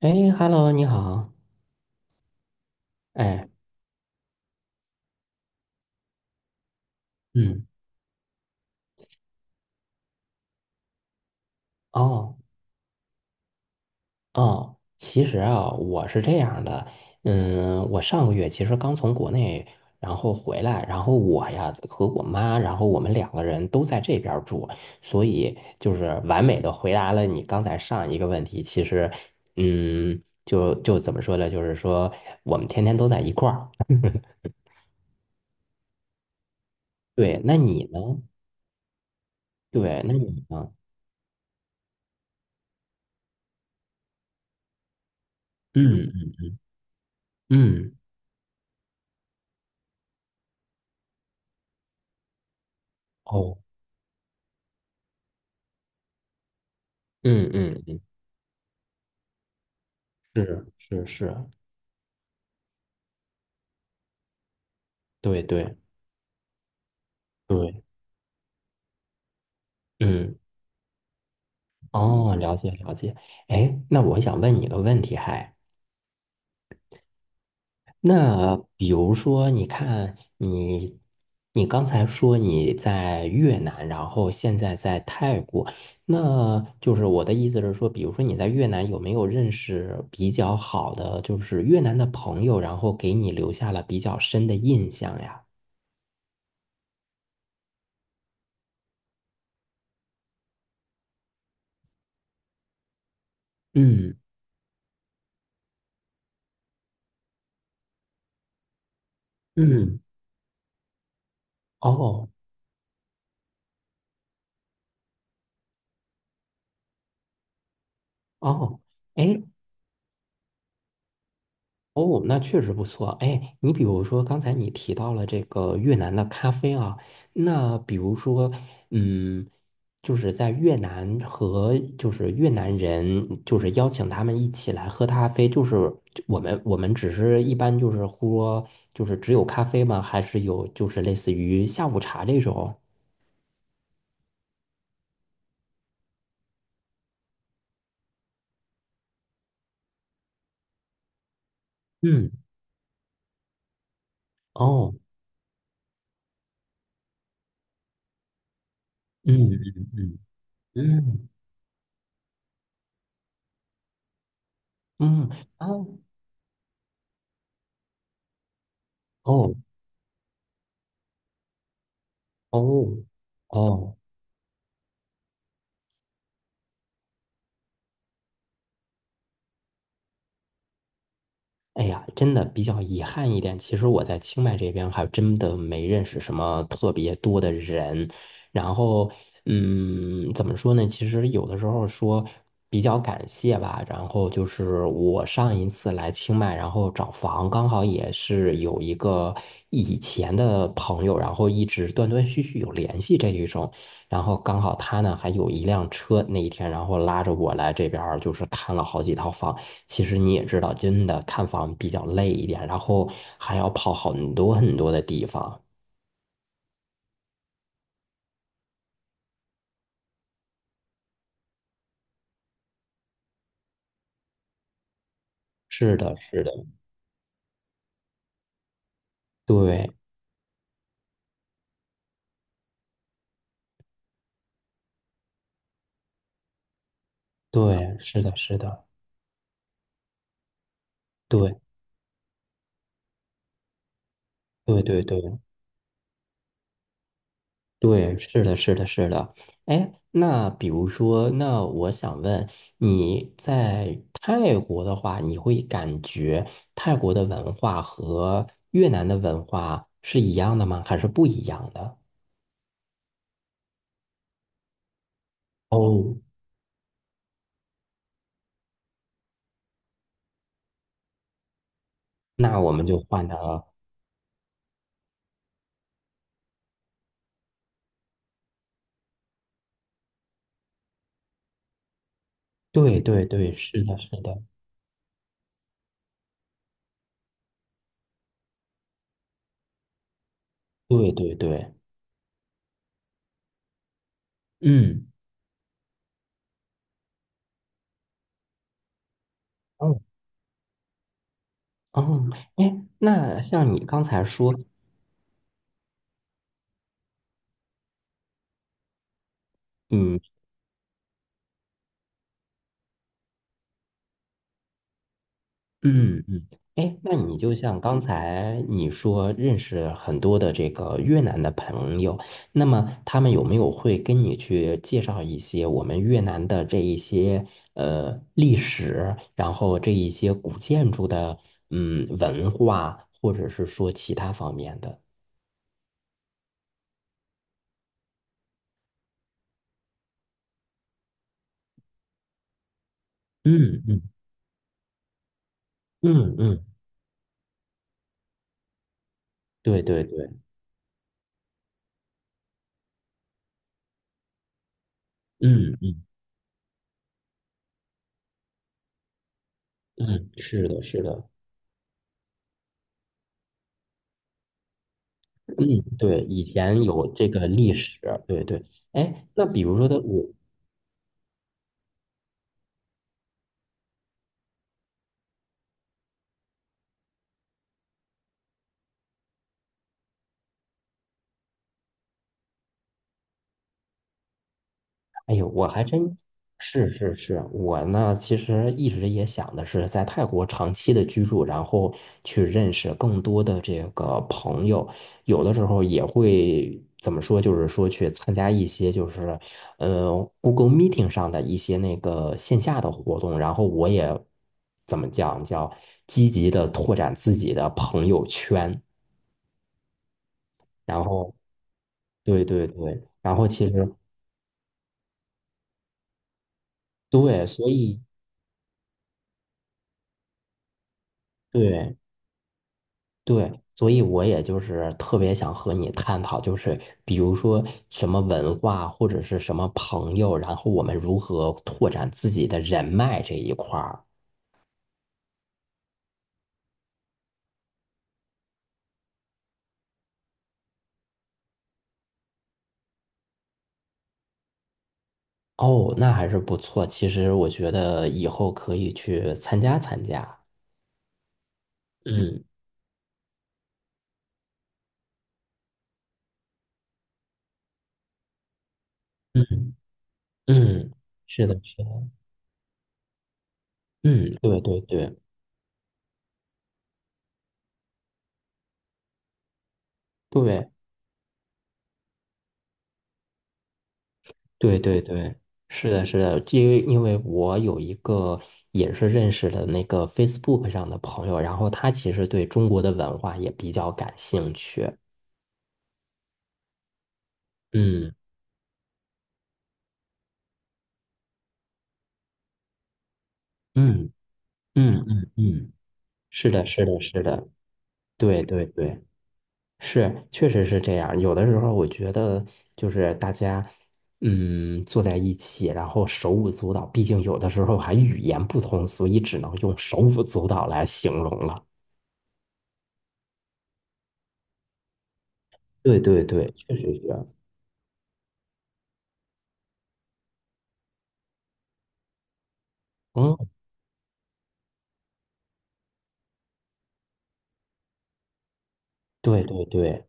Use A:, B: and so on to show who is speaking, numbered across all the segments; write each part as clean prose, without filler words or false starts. A: 哎，Hello，你好。哎，嗯，哦，哦，其实啊，我是这样的，我上个月其实刚从国内，然后回来，然后我呀和我妈，然后我们两个人都在这边儿住，所以就是完美的回答了你刚才上一个问题。其实，就怎么说呢？就是说我们天天都在一块儿。对，那你呢？对，那你呢？嗯嗯嗯，哦，嗯嗯嗯，是是是，对对对，嗯，哦，了解了解。哎，那我想问你个问题，那比如说，你看你，你刚才说你在越南，然后现在在泰国，那就是我的意思是说，比如说你在越南有没有认识比较好的，就是越南的朋友，然后给你留下了比较深的印象呀？嗯嗯，哦哦。哎，哦，那确实不错。哎，你比如说刚才你提到了这个越南的咖啡啊，那比如说，嗯，就是在越南和就是越南人，就是邀请他们一起来喝咖啡，就是我们只是一般就是喝，就是只有咖啡吗？还是有就是类似于下午茶这种？嗯，哦，嗯嗯嗯嗯嗯，啊，哦哦哦。哎呀，真的比较遗憾一点。其实我在清迈这边还真的没认识什么特别多的人。然后，怎么说呢？其实有的时候说比较感谢吧。然后就是我上一次来清迈，然后找房，刚好也是有一个以前的朋友，然后一直断断续续有联系这一种。然后刚好他呢还有一辆车，那一天然后拉着我来这边儿，就是看了好几套房。其实你也知道，真的看房比较累一点，然后还要跑很多很多的地方。是的，是的，对对，是的，是的，对对对对对，是的，是的，是的。哎，那比如说，那我想问你在泰国的话，你会感觉泰国的文化和越南的文化是一样的吗？还是不一样的？哦，那我们就换成了。对对对，是的，是的。对对对，嗯嗯嗯，哎，那像你刚才说，嗯嗯嗯，哎，那你就像刚才你说认识很多的这个越南的朋友，那么他们有没有会跟你去介绍一些我们越南的这一些历史，然后这一些古建筑的文化，或者是说其他方面的？嗯嗯嗯嗯，对对对，嗯嗯嗯，是的，是的。嗯，对，以前有这个历史，对对。哎，那比如说的我，哎呦，我还真是是是，我呢其实一直也想的是在泰国长期的居住，然后去认识更多的这个朋友，有的时候也会怎么说，就是说去参加一些就是呃 Google Meeting 上的一些那个线下的活动，然后我也怎么讲叫积极的拓展自己的朋友圈。然后对对对，然后其实对，所以对对，所以我也就是特别想和你探讨，就是比如说什么文化或者是什么朋友，然后我们如何拓展自己的人脉这一块儿。哦，那还是不错。其实我觉得以后可以去参加参加。嗯嗯嗯，是的，是的。嗯，对对对对。对对对，是的，是的，因为我有一个也是认识的那个 Facebook 上的朋友，然后他其实对中国的文化也比较感兴趣。嗯嗯嗯嗯嗯，是的，是的，是的，对对对，是，确实是这样。有的时候我觉得就是大家坐在一起，然后手舞足蹈，毕竟有的时候还语言不通，所以只能用手舞足蹈来形容了。对对对，确实是。嗯对对对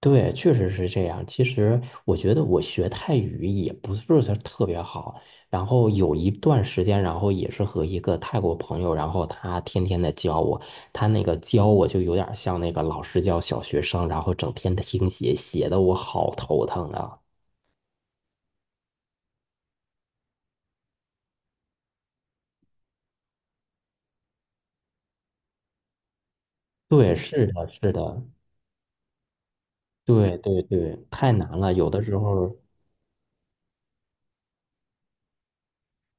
A: 对，确实是这样。其实我觉得我学泰语也不是说特别好，然后有一段时间，然后也是和一个泰国朋友，然后他天天的教我，他那个教我就有点像那个老师教小学生，然后整天听写，写的我好头疼啊。对，是的，是的，对对对，太难了。有的时候，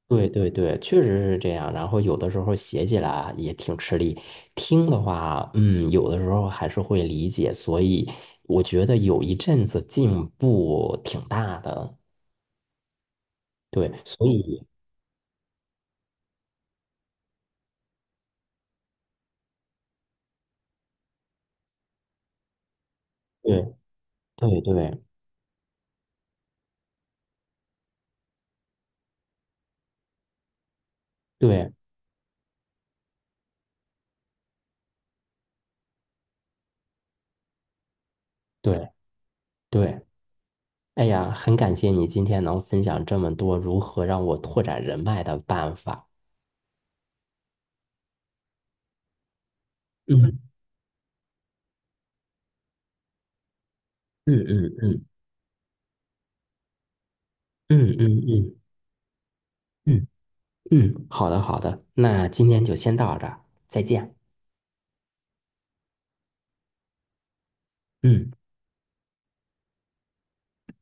A: 对对对，确实是这样。然后有的时候写起来也挺吃力，听的话，有的时候还是会理解。所以我觉得有一阵子进步挺大的。对，所以对对对对对对，哎呀，很感谢你今天能分享这么多如何让我拓展人脉的办法。嗯嗯嗯嗯嗯嗯嗯嗯嗯，好的好的，那今天就先到这儿，再见。嗯。